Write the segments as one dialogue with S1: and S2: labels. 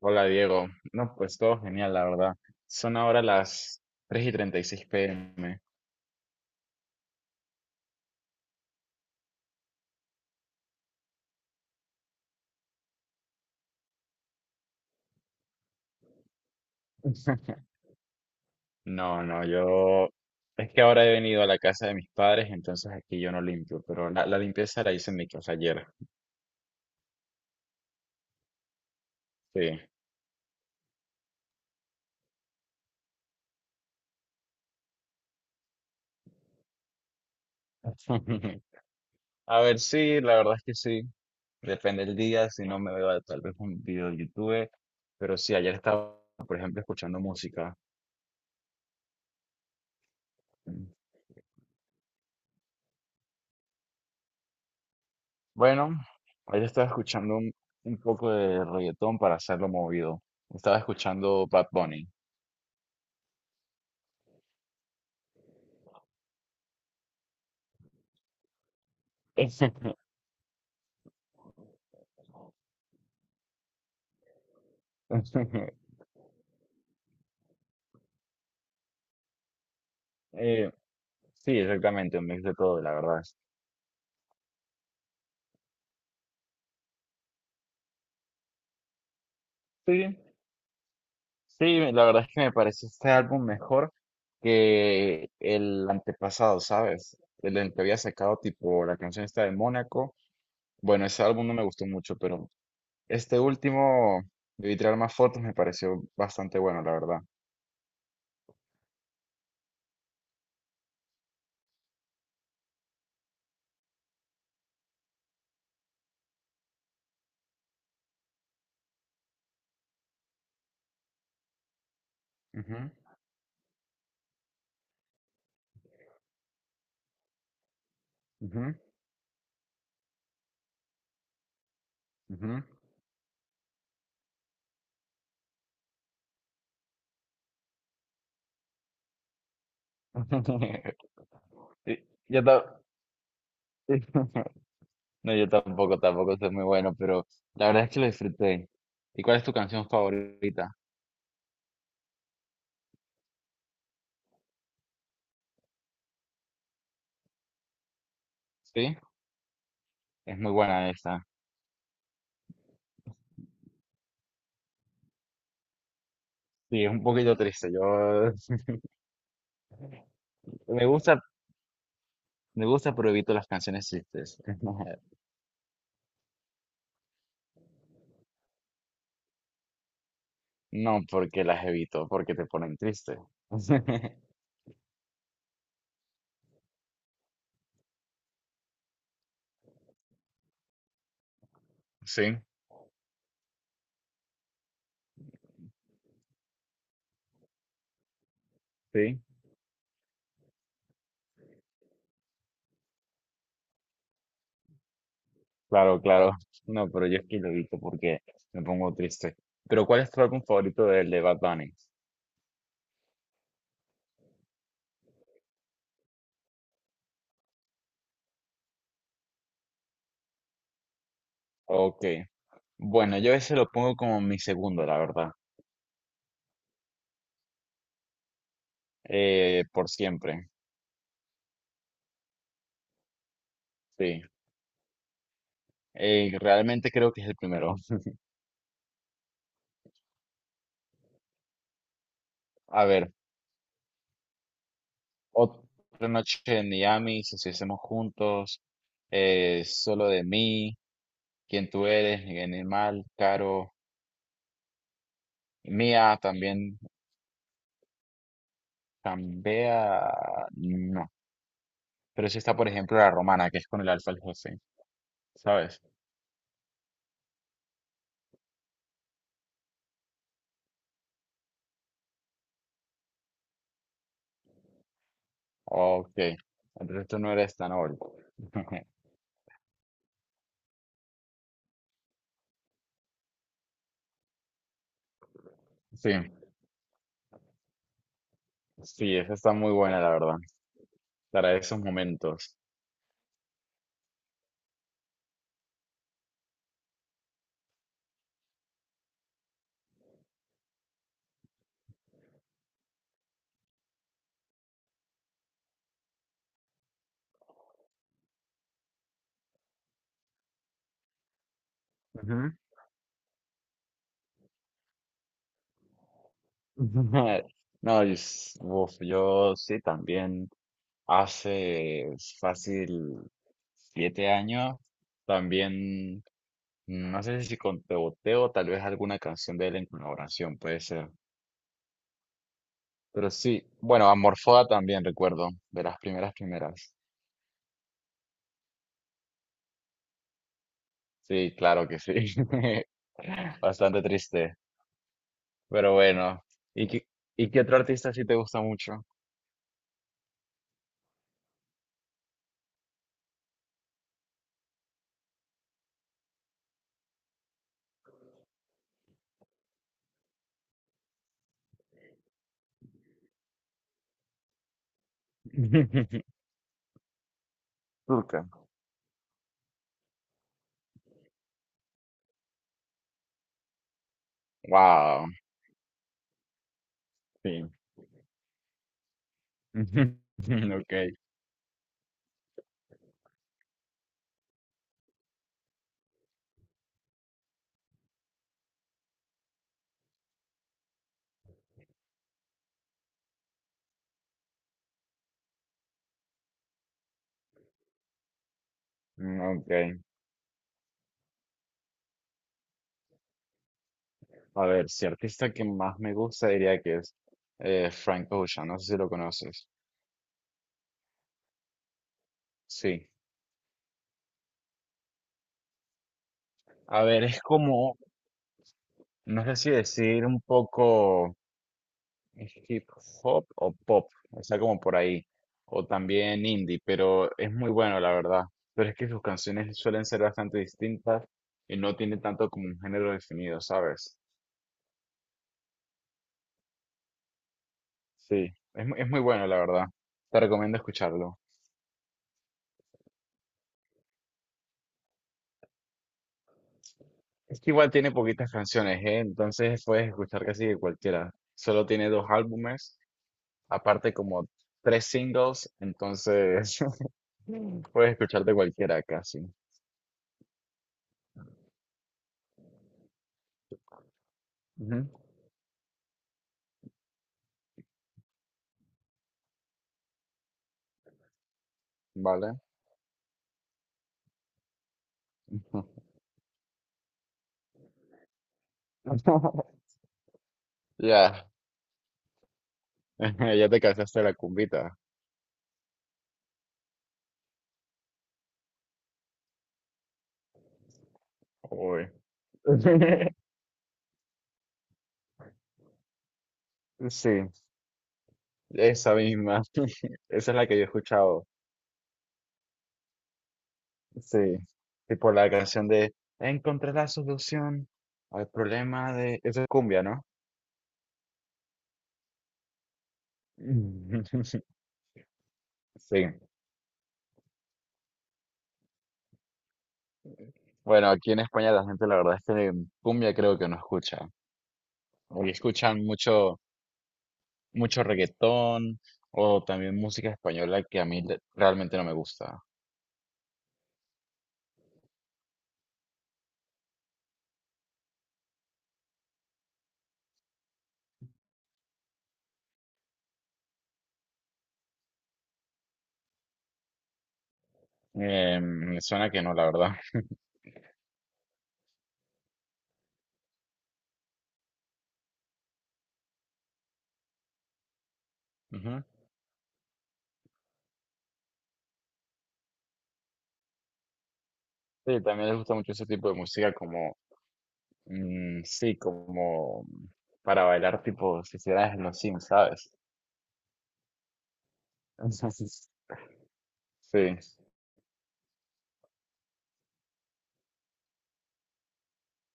S1: Hola Diego, no, pues todo genial, la verdad. Son ahora las tres y 36 pm. No, no, yo... Es que ahora he venido a la casa de mis padres, entonces aquí yo no limpio, pero la limpieza la hice en mi casa ayer. Sí. A ver, sí, la verdad es que sí. Depende del día, si no me veo tal vez un video de YouTube, pero sí, ayer estaba, por ejemplo, escuchando música. Bueno, ayer estaba escuchando un poco de reggaetón para hacerlo movido. Estaba escuchando Bad Bunny. Eh, sí, exactamente, un mix de todo, la verdad. Sí, sí, la verdad es que me parece este álbum mejor que el antepasado, ¿sabes? El del que había sacado tipo la canción esta de Mónaco. Bueno, ese álbum no me gustó mucho, pero este último, de tirar más fotos, me pareció bastante bueno, la verdad. Ujú, ujú, ujú. Sí, Yo ta- no, yo tampoco, tampoco soy muy bueno, pero la verdad es que lo disfruté. ¿Y cuál es tu canción favorita? Sí, es muy buena esa. Sí, es un poquito triste. Yo me gusta, me gusta, pero evito las canciones tristes. No porque las evito, porque te ponen triste. Sí, sí, claro, claro. No, pero yo es que lo evito porque me pongo triste. Pero ¿cuál es tu álbum favorito del de Bad Bunny? Ok. Bueno, yo ese lo pongo como mi segundo, la verdad. Por siempre, sí. Realmente creo que es el primero. A ver, otra noche en Miami, si estuviésemos juntos, solo de mí, quién tú eres, animal, Caro, mía también cambia, no. Pero si está, por ejemplo, la romana, que es con el alfa el jefe, ¿sabes? Ok, entonces tú no eres tan old. Sí, sí, esa está muy buena, la verdad, para esos momentos. No, yo, uf, yo sí también hace fácil 7 años también, no sé si con Teboteo, tal vez alguna canción de él en colaboración, puede ser. Pero sí, bueno, Amorfoda también recuerdo, de las primeras primeras. Sí, claro que sí. Bastante triste, pero bueno. ¿Y qué, y qué otro artista sí te gusta mucho? Turca. Wow, sí. Ok. Mm, ok. A ver, si artista que más me gusta diría que es Frank Ocean, no sé si lo conoces. Sí. A ver, es como, no sé si decir un poco hip hop o pop, está como por ahí, o también indie, pero es muy bueno, la verdad. Pero es que sus canciones suelen ser bastante distintas y no tiene tanto como un género definido, ¿sabes? Sí, es, es muy bueno, la verdad. Te recomiendo escucharlo. Es que igual tiene poquitas canciones, ¿eh? Entonces puedes escuchar casi de cualquiera. Solo tiene dos álbumes, aparte como tres singles, entonces puedes escuchar de cualquiera casi. Ujú, ¿vale? Ya, ya te cansaste de la cumbita. Uy. Sí, esa misma. Esa es la que yo he escuchado. Sí. Tipo la canción de Encontré la solución al problema de... Esa es cumbia, ¿no? Sí, bueno, aquí en España la gente la verdad es que cumbia creo que no escucha. O escuchan mucho, mucho reggaetón o también música española que a mí realmente no me gusta. Me suena que no, la verdad. Ujú. Sí, también les gusta mucho ese tipo de música como, mm, sí, como para bailar tipo si hicieras en los Sims, ¿sabes? Sí,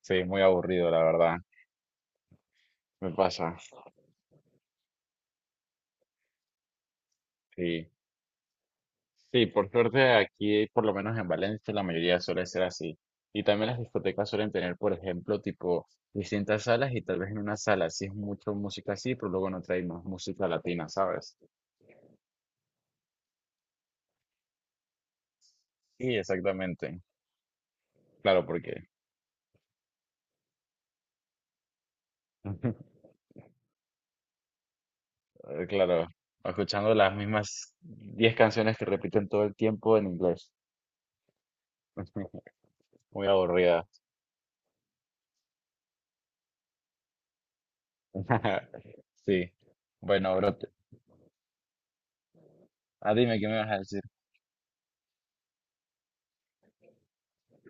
S1: sí, muy aburrido, la verdad. Me pasa. Sí. Sí, por suerte aquí, por lo menos en Valencia, la mayoría suele ser así. Y también las discotecas suelen tener, por ejemplo, tipo distintas salas y tal vez en una sala sí es mucho música así, pero luego no trae más música latina, ¿sabes? Sí, exactamente. Claro, porque, claro, escuchando las mismas 10 canciones que repiten todo el tiempo en inglés. Muy aburrida. Sí. Bueno, bro, ah, dime qué me vas a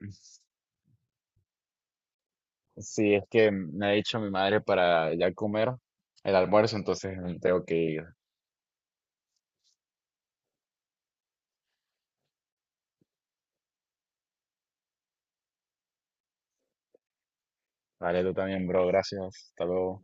S1: decir. Sí, es que me ha dicho mi madre para ya comer el almuerzo, entonces tengo que ir. Vale, tú también, bro. Gracias. Hasta luego.